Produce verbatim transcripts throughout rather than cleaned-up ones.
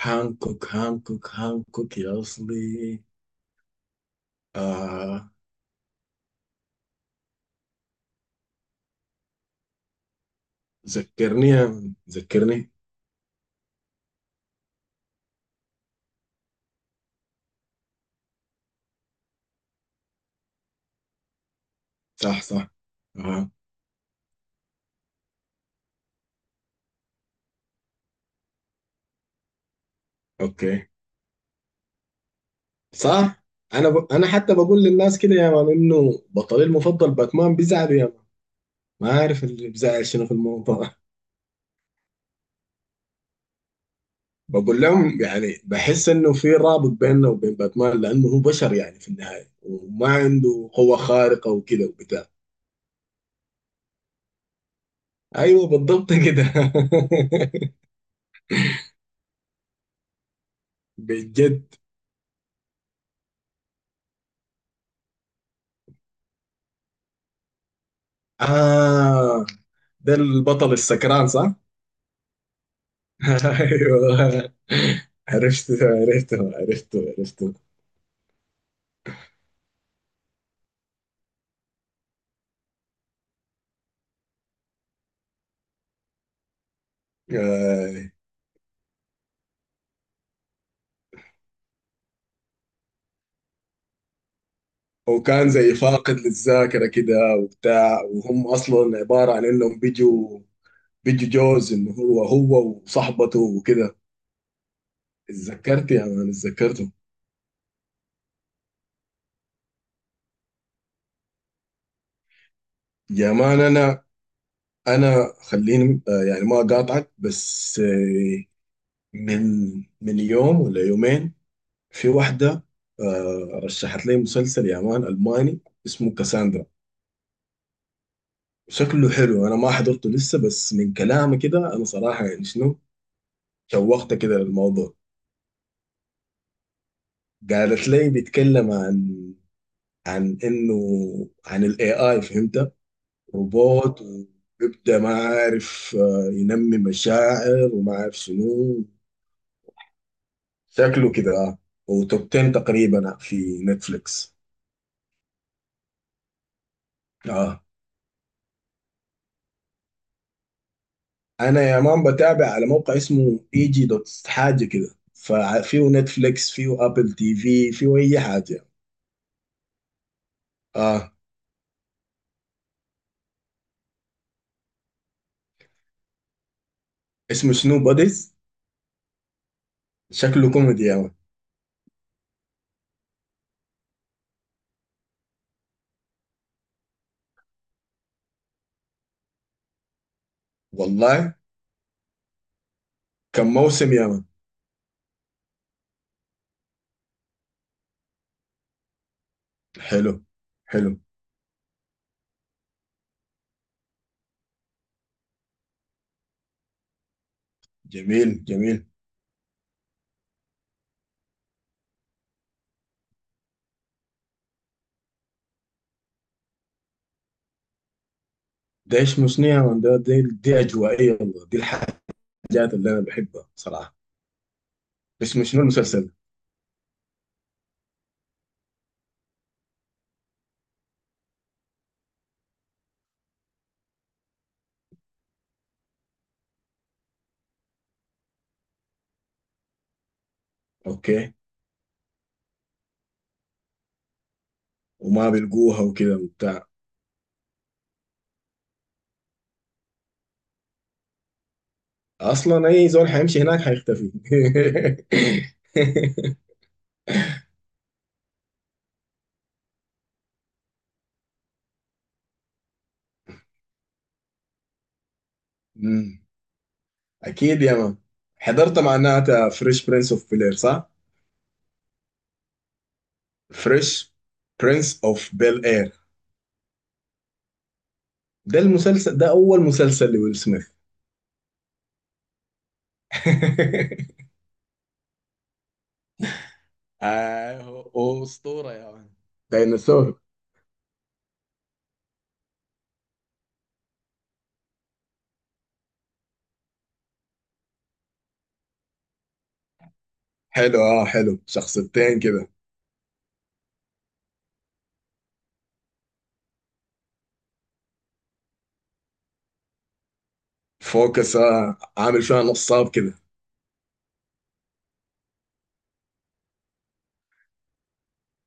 هانكوك هانكوك هانكوك يا أصلي. آه. ذكرني. ذكرني. صح، صح. آه. أوكي. صح. أنا ب... أنا حتى بقول للناس كده يا مان إنه بطلي المفضل باتمان بيزعلوا يا مان. ما عارف اللي بيزعل شنو في الموضوع. بقول لهم يعني بحس إنه في رابط بيننا وبين باتمان، لأنه هو بشر يعني في النهاية، وما عنده قوة خارقة وكده وبتاع. أيوه، بالضبط كده. بجد. آه. ده البطل السكران، صح؟ ايوه. عرفته، عرفته، عرفته، عرفته. آه. وكان زي فاقد للذاكرة كده وبتاع، وهم أصلا عبارة عن إنهم بيجوا بيجوا جوز إنه هو هو وصاحبته وكده. اتذكرت يا مان، اتذكرته. يا مان أنا أنا خليني، آه، يعني ما أقاطعك، بس آه، من من يوم ولا يومين، في واحدة، آه، رشحت لي مسلسل يا مان ألماني اسمه كاساندرا. شكله حلو، أنا ما حضرته لسه، بس من كلامي كده أنا صراحة يعني شنو، شوقت كده للموضوع. قالت لي بيتكلم عن عن إنه عن ال A I، فهمت، روبوت ويبدأ ما عارف، آه، ينمي مشاعر وما عارف شنو. شكله كده آه. وتوب عشرة تقريبا في نتفليكس. اه، انا يا مان بتابع على موقع اسمه اي جي دوت حاجه كده، ففيه نتفليكس، فيه ابل تي في، فيه اي حاجه. اه. اسمه شنو، بوديز؟ شكله كوميدي يا مان. والله. كم موسم يا مان؟ حلو. حلو. جميل، جميل. ده اسمه شنو يا مان؟ ده دي, دي اجوائيه والله، دي الحاجات اللي انا بحبها صراحه. اسمه شنو المسلسل؟ اوكي. وما بيلقوها وكده وبتاع. اصلا اي زول حيمشي هناك حيختفي. مم. اكيد يا مان. حضرت معناتها فريش برنس اوف بيل اير، صح؟ فريش برنس اوف بيل اير، ده المسلسل ده اول مسلسل لويل سميث. آه، هو هو أسطورة يا مان، ديناصور. حلو، اه، حلو، شخصيتين كده. فوكس، آه عامل فيها نصاب كده.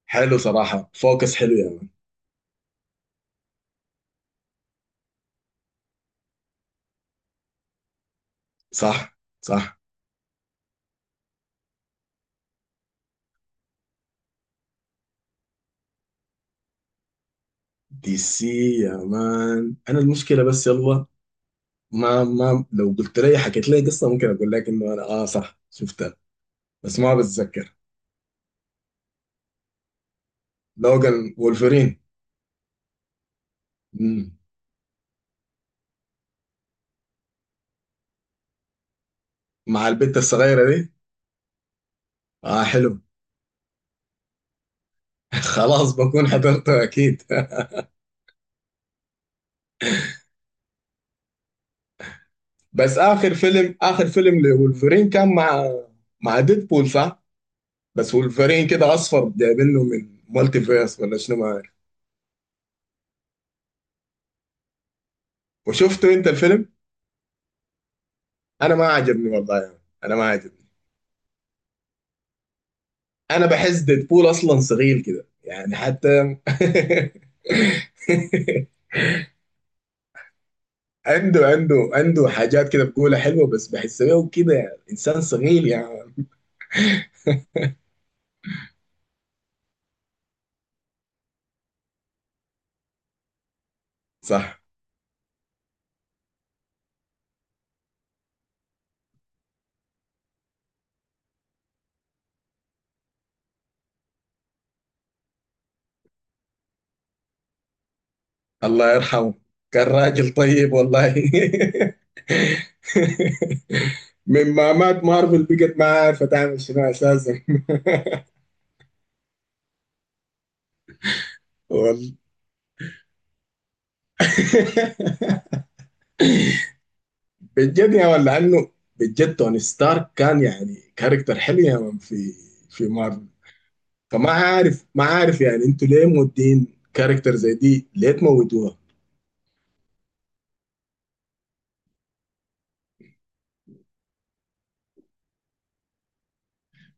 حلو صراحة، فوكس حلو يا مان. صح، صح. دي سي. يا مان انا المشكلة بس يلا، ما ما لو قلت لي حكيت لي قصة ممكن اقول لك انه انا، اه صح، شفتها. اسمها بتذكر. لو كان وولفرين. مم. مع البت الصغيرة دي. اه، حلو. خلاص بكون حضرته اكيد. بس اخر فيلم اخر فيلم لولفرين كان مع مع ديدبول، صح؟ بس وولفرين كده اصفر، جايبينه من مالتي فيرس ولا شنو ما عارف. وشفته انت الفيلم؟ انا ما عجبني والله يعني. انا ما عجبني. انا بحس ديدبول اصلا صغير كده يعني حتى. عنده عنده عنده حاجات كده بقولها حلوه، بس بحسه كده انسان صغير يعني. صح. الله يرحمه، كان راجل طيب والله. من ما مات مارفل بقت ما عارفه تعمل شنو اساسا. والله، بجد يا ولا عنه. بجد توني ستارك كان يعني كاركتر حلو يا من، في في مارفل. فما عارف، ما عارف يعني انتوا ليه مودين كاركتر زي دي ليه تموتوها.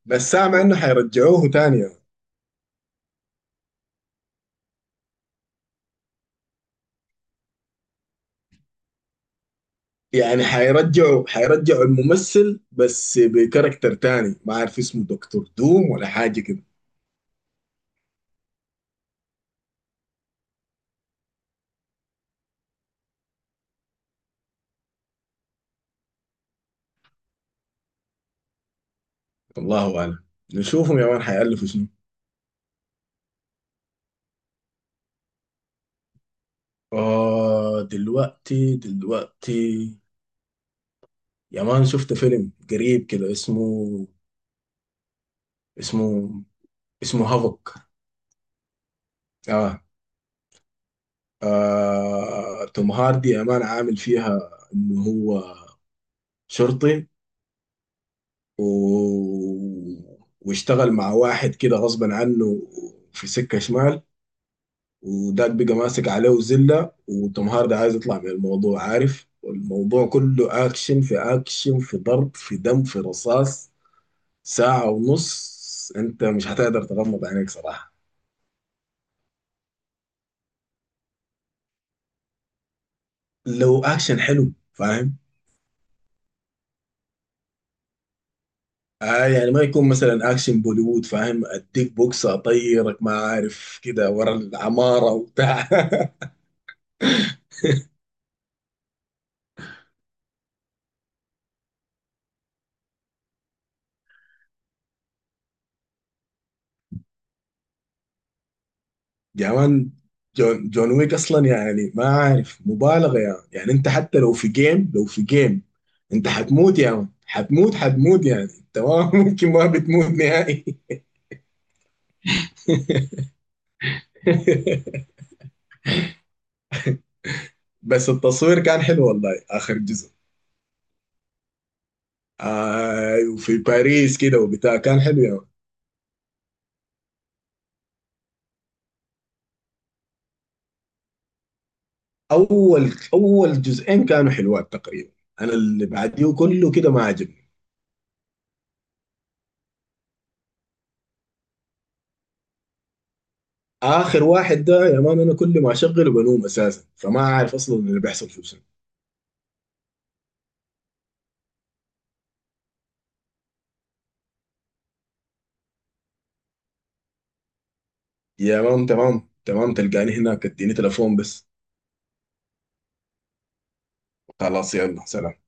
بس سامع انه حيرجعوه تاني. يعني حيرجعوا حيرجعوا الممثل بس بكاركتر تاني، ما عارف اسمه دكتور دوم ولا حاجة كده. الله أعلم. نشوفهم يا مان حيألفوا شنو. آه، دلوقتي دلوقتي. يا مان شفت فيلم قريب كده اسمه، اسمه اسمه هافوك. آه. آه توم هاردي يا مان عامل فيها إنه هو شرطي، و... واشتغل مع واحد كده غصبا عنه في سكة شمال. وداك بقى ماسك عليه وزلة، وتوم هاردي عايز يطلع من الموضوع، عارف، والموضوع كله أكشن في أكشن، في ضرب، في دم، في رصاص. ساعة ونص أنت مش هتقدر تغمض عينيك صراحة. لو أكشن حلو فاهم، آه يعني ما يكون مثلا أكشن بوليوود فاهم، أديك بوكس أطيرك ما عارف كده ورا العمارة وبتاع. يا مان جون جون ويك اصلا يعني ما عارف مبالغه يا مان. يعني انت حتى لو في جيم، لو في جيم انت حتموت يا مان، حتموت، حتموت، يعني انت ما ممكن ما بتموت نهائي. بس التصوير كان حلو والله اخر جزء. آه وفي باريس كده وبتاع كان حلو يا مان. اول اول جزئين كانوا حلوات تقريبا، انا اللي بعديه كله كده ما عجبني. اخر واحد ده يا مان انا كل ما اشغله بنوم اساسا، فما عارف اصلا اللي بيحصل فيه شنو. يا مان تمام، تمام، تلقاني هناك، اديني تليفون بس. خلاص، يلا، سلام.